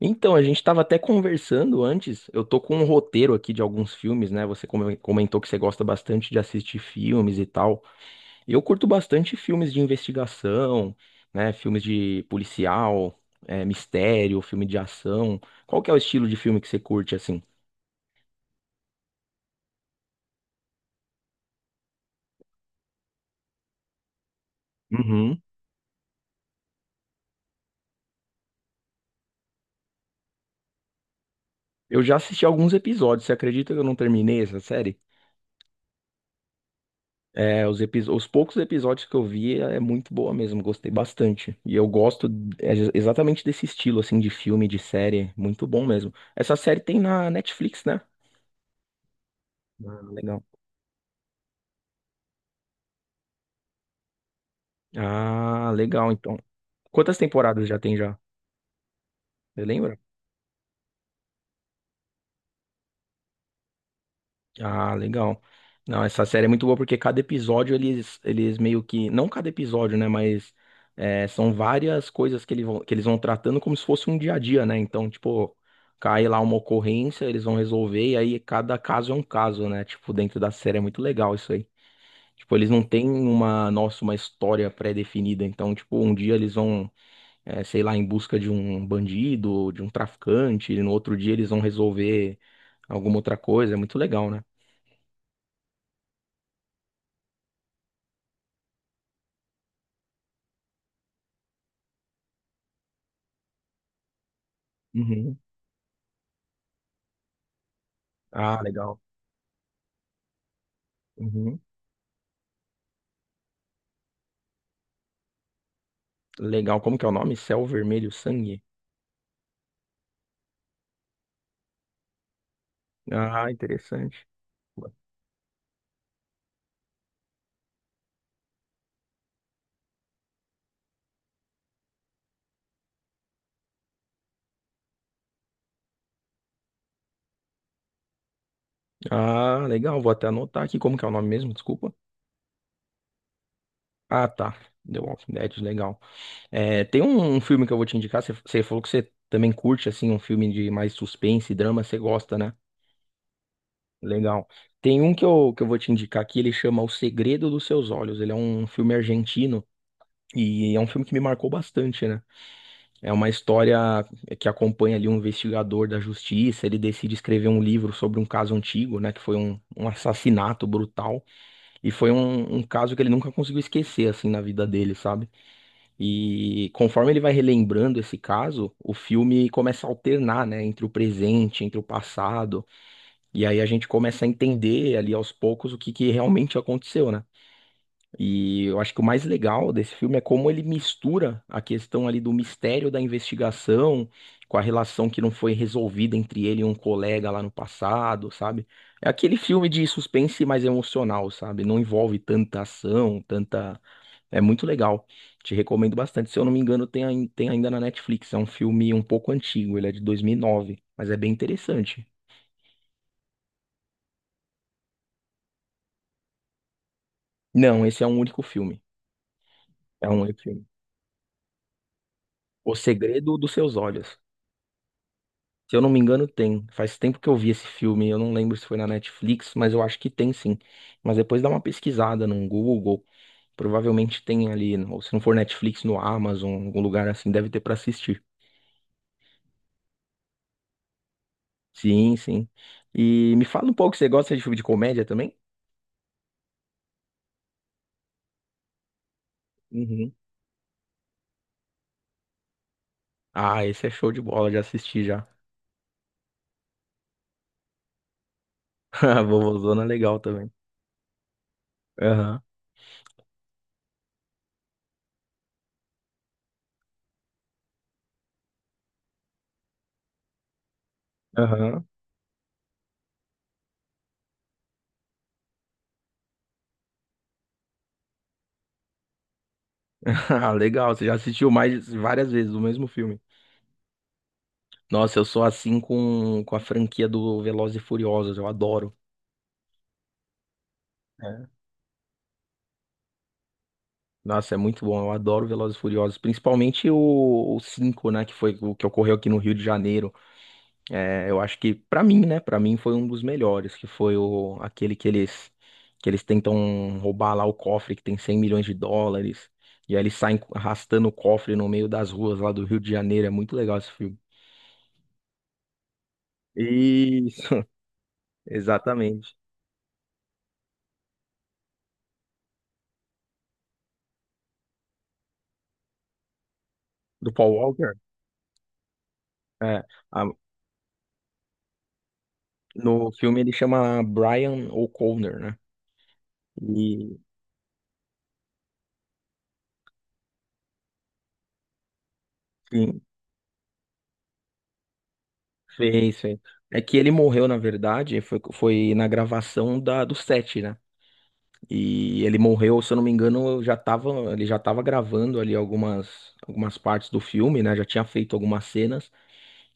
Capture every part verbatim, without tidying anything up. Então, a gente estava até conversando antes. Eu tô com um roteiro aqui de alguns filmes, né? Você come- comentou que você gosta bastante de assistir filmes e tal. Eu curto bastante filmes de investigação, né? Filmes de policial, é, mistério, filme de ação. Qual que é o estilo de filme que você curte, assim? Uhum. Eu já assisti alguns episódios. Você acredita que eu não terminei essa série? É, os, epi- os poucos episódios que eu vi é é muito boa mesmo, gostei bastante. E eu gosto é, ex- exatamente desse estilo, assim, de filme, de série, muito bom mesmo. Essa série tem na Netflix, né? Ah, legal. Ah, legal, então. Quantas temporadas já tem já? Você lembra? Ah, legal. Não, essa série é muito boa porque cada episódio eles, eles meio que. Não cada episódio, né? Mas é, são várias coisas que, ele vão, que eles vão tratando como se fosse um dia a dia, né? Então, tipo, cai lá uma ocorrência, eles vão resolver, e aí cada caso é um caso, né? Tipo, dentro da série é muito legal isso aí. Tipo, eles não têm uma, nossa, uma história pré-definida. Então, tipo, um dia eles vão, é, sei lá, em busca de um bandido, de um traficante, e no outro dia eles vão resolver alguma outra coisa. É muito legal, né? Uhum. Ah, legal. Uhum. Legal. Como que é o nome? Céu Vermelho Sangue. Ah, interessante. Ah, legal. Vou até anotar aqui como que é o nome mesmo, desculpa. Ah, tá. The Walking Dead, legal. É, tem um, um filme que eu vou te indicar. Você você falou que você também curte, assim, um filme de mais suspense e drama. Você gosta, né? Legal. Tem um que eu, que eu vou te indicar aqui. Ele chama O Segredo dos Seus Olhos. Ele é um filme argentino. E é um filme que me marcou bastante, né? É uma história que acompanha ali um investigador da justiça. Ele decide escrever um livro sobre um caso antigo, né? Que foi um, um assassinato brutal. E foi um, um caso que ele nunca conseguiu esquecer, assim, na vida dele, sabe? E conforme ele vai relembrando esse caso, o filme começa a alternar, né? Entre o presente, entre o passado. E aí a gente começa a entender ali aos poucos o que que realmente aconteceu, né? E eu acho que o mais legal desse filme é como ele mistura a questão ali do mistério da investigação com a relação que não foi resolvida entre ele e um colega lá no passado, sabe? É aquele filme de suspense mais emocional, sabe? Não envolve tanta ação, tanta. É muito legal. Te recomendo bastante. Se eu não me engano, tem, ain- tem ainda na Netflix. É um filme um pouco antigo, ele é de dois mil e nove, mas é bem interessante. Não, esse é um único filme. É um único filme. O Segredo dos Seus Olhos. Se eu não me engano, tem. Faz tempo que eu vi esse filme. Eu não lembro se foi na Netflix, mas eu acho que tem sim. Mas depois dá uma pesquisada no Google. Provavelmente tem ali. Ou se não for Netflix, no Amazon, algum lugar assim, deve ter pra assistir. Sim, sim. E me fala um pouco, você gosta de filme de comédia também? Uhum. Ah, esse é show de bola, já assisti já. Vovozona é legal também. Aham, aham. Ah, legal, você já assistiu mais várias vezes o mesmo filme. Nossa, eu sou assim com, com a franquia do Velozes e Furiosos, eu adoro. Nossa, é muito bom. Eu adoro Velozes e Furiosos, principalmente o, o cinco, né, que foi o que ocorreu aqui no Rio de Janeiro. É, eu acho que pra mim, né, para mim foi um dos melhores, que foi o aquele que eles que eles tentam roubar lá o cofre que tem cem milhões de dólares e aí eles saem arrastando o cofre no meio das ruas lá do Rio de Janeiro. É muito legal esse filme. Isso, exatamente. Do Paul Walker? É, a- no filme ele chama Brian O'Connor, né? E sim, fez, fez. É que ele morreu, na verdade, foi, foi na gravação da, do set, né? E ele morreu, se eu não me engano, eu já tava, ele já tava gravando ali algumas, algumas partes do filme, né? Já tinha feito algumas cenas.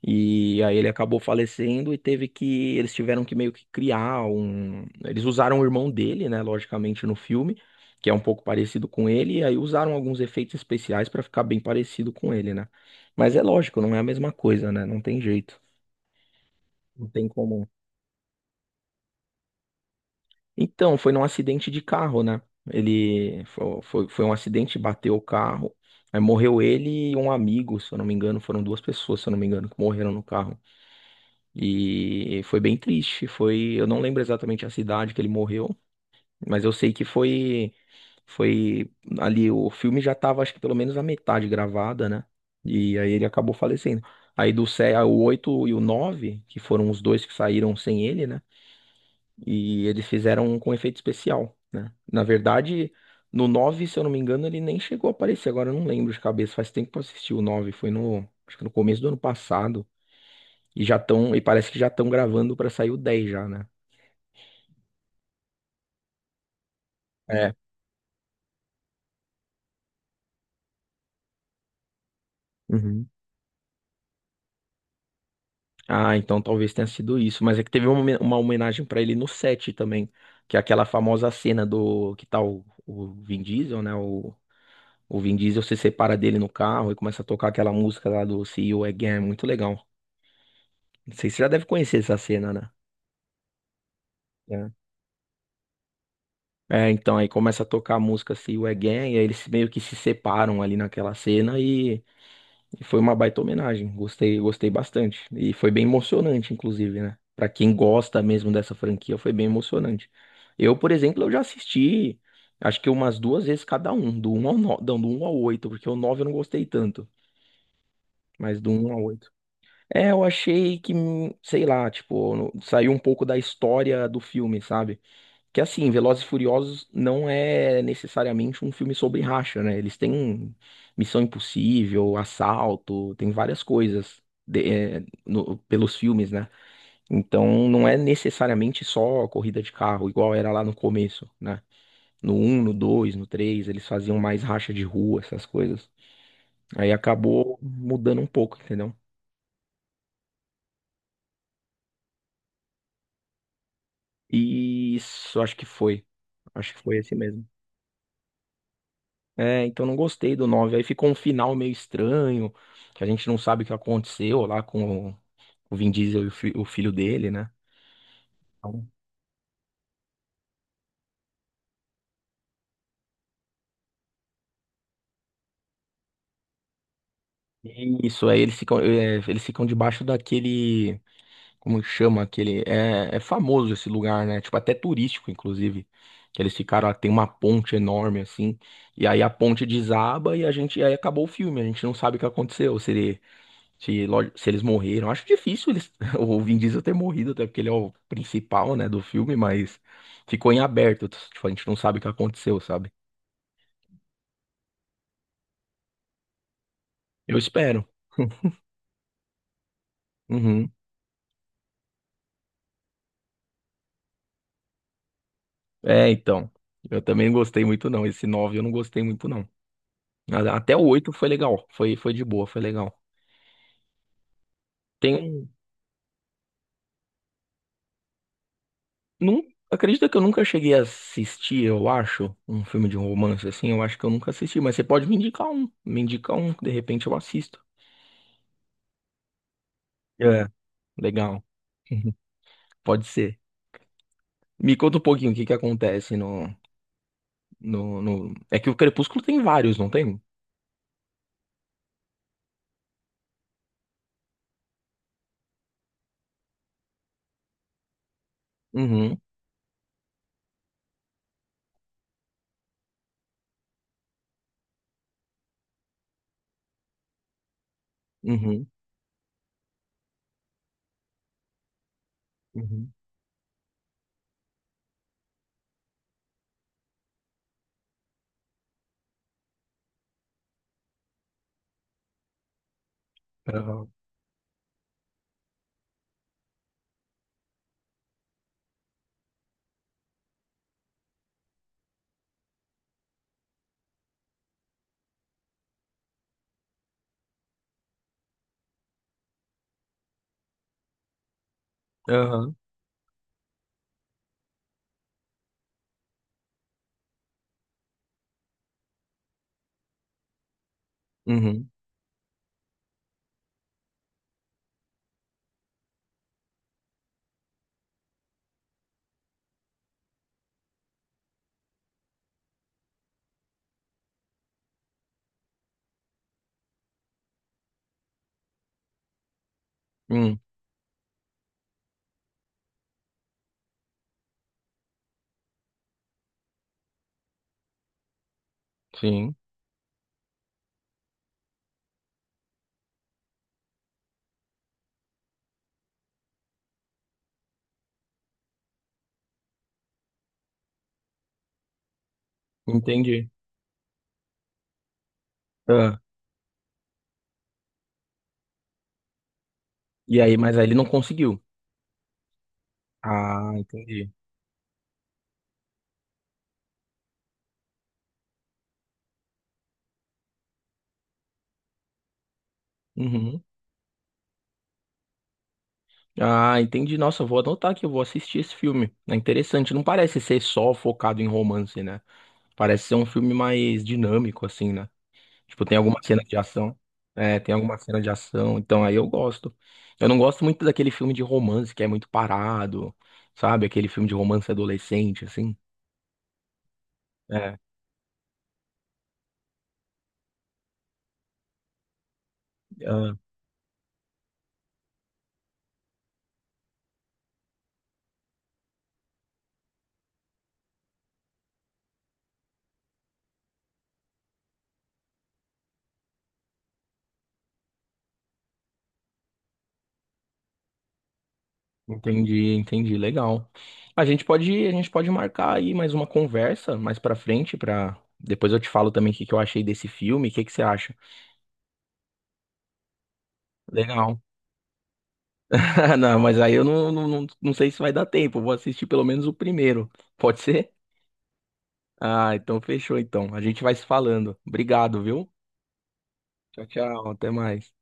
E aí ele acabou falecendo e teve que. Eles tiveram que meio que criar um. Eles usaram o irmão dele, né? Logicamente, no filme, que é um pouco parecido com ele. E aí usaram alguns efeitos especiais pra ficar bem parecido com ele, né? Mas é lógico, não é a mesma coisa, né? Não tem jeito. Não tem como. Então, foi num acidente de carro, né? Ele fo- foi, foi, um acidente, bateu o carro. Aí morreu ele e um amigo, se eu não me engano, foram duas pessoas, se eu não me engano, que morreram no carro. E foi bem triste, foi, eu não lembro exatamente a cidade que ele morreu, mas eu sei que foi foi ali o filme já tava acho que pelo menos a metade gravada, né? E aí ele acabou falecendo. Aí do sé- o oito e o nove que foram os dois que saíram sem ele, né? E eles fizeram um com efeito especial, né? Na verdade, no nove, se eu não me engano, ele nem chegou a aparecer. Agora eu não lembro de cabeça. Faz tempo que eu assisti o nove, foi no, acho que no começo do ano passado. E já estão, e parece que já estão gravando pra sair o dez já, né? É. Uhum. Ah, então talvez tenha sido isso. Mas é que teve uma, homen- uma homenagem pra ele no sete também, que é aquela famosa cena do que tá o, o Vin Diesel, né? O, o Vin Diesel se separa dele no carro e começa a tocar aquela música lá do See You Again. Muito legal. Não sei se você já deve conhecer essa cena, né? né? É, então aí começa a tocar a música See You Again, e aí eles meio que se separam ali naquela cena e, e foi uma baita homenagem. Gostei, gostei bastante. E foi bem emocionante, inclusive, né? Pra quem gosta mesmo dessa franquia, foi bem emocionante. Eu, por exemplo, eu já assisti, acho que umas duas vezes cada um, do um ao nove, não, do um ao oito porque o nove eu não gostei tanto, mas do um ao oito. É, eu achei que, hum, sei lá, tipo, no- saiu um pouco da história do filme, sabe? Que assim, Velozes e Furiosos não é necessariamente um filme sobre racha, né? Eles têm Missão Impossível, Assalto, tem várias coisas de- é, no- pelos filmes, né? Então não é necessariamente só corrida de carro, igual era lá no começo, né? No um, no dois, no três eles faziam mais racha de rua, essas coisas. Aí acabou mudando um pouco, entendeu? E isso, acho que foi. Acho que foi esse mesmo. É, então não gostei do nove. Aí ficou um final meio estranho, que a gente não sabe o que aconteceu lá com o o Vin Diesel e o, fi- o filho dele, né? Então, isso, aí eles ficam, é, eles ficam debaixo daquele, como que chama aquele, é é famoso esse lugar, né? Tipo, até turístico, inclusive, que eles ficaram, lá, tem uma ponte enorme, assim, e aí a ponte desaba e a gente, aí acabou o filme, a gente não sabe o que aconteceu. Se ele Se, lógi- se eles morreram, acho difícil eles, o Vin Diesel ter morrido, até porque ele é o principal, né, do filme, mas ficou em aberto. Tipo, a gente não sabe o que aconteceu, sabe? Eu espero. Uhum. É, então. Eu também não gostei muito, não. Esse nove eu não gostei muito, não. A- Até o oito foi legal. Foi, foi de boa, foi legal. Tem um. Não, acredita que eu nunca cheguei a assistir, eu acho, um filme de romance assim? Eu acho que eu nunca assisti, mas você pode me indicar um. Me indicar um, que de repente eu assisto. É. Legal. Pode ser. Me conta um pouquinho o que que acontece no, no, no- é que o Crepúsculo tem vários, não tem? Uhum, uhum, uhum. Aham, aham, uhum, hum, sim, entendi. Ah, e aí, mas aí ele não conseguiu. Ah, entendi. Uhum. Ah, entendi. Nossa, eu vou anotar que eu vou assistir esse filme. É interessante. Não parece ser só focado em romance, né? Parece ser um filme mais dinâmico, assim, né? Tipo, tem alguma cena de ação. É, tem alguma cena de ação. Então aí eu gosto. Eu não gosto muito daquele filme de romance que é muito parado, sabe? Aquele filme de romance adolescente, assim. É, ah, entendi, entendi. Legal. A gente pode, a gente pode marcar aí mais uma conversa mais pra frente, para depois eu te falo também o que que eu achei desse filme, o que que você acha? Legal. Não, mas aí eu não, não, não, não sei se vai dar tempo. Eu vou assistir pelo menos o primeiro. Pode ser? Ah, então fechou então. A gente vai se falando. Obrigado, viu? Tchau, tchau. Até mais.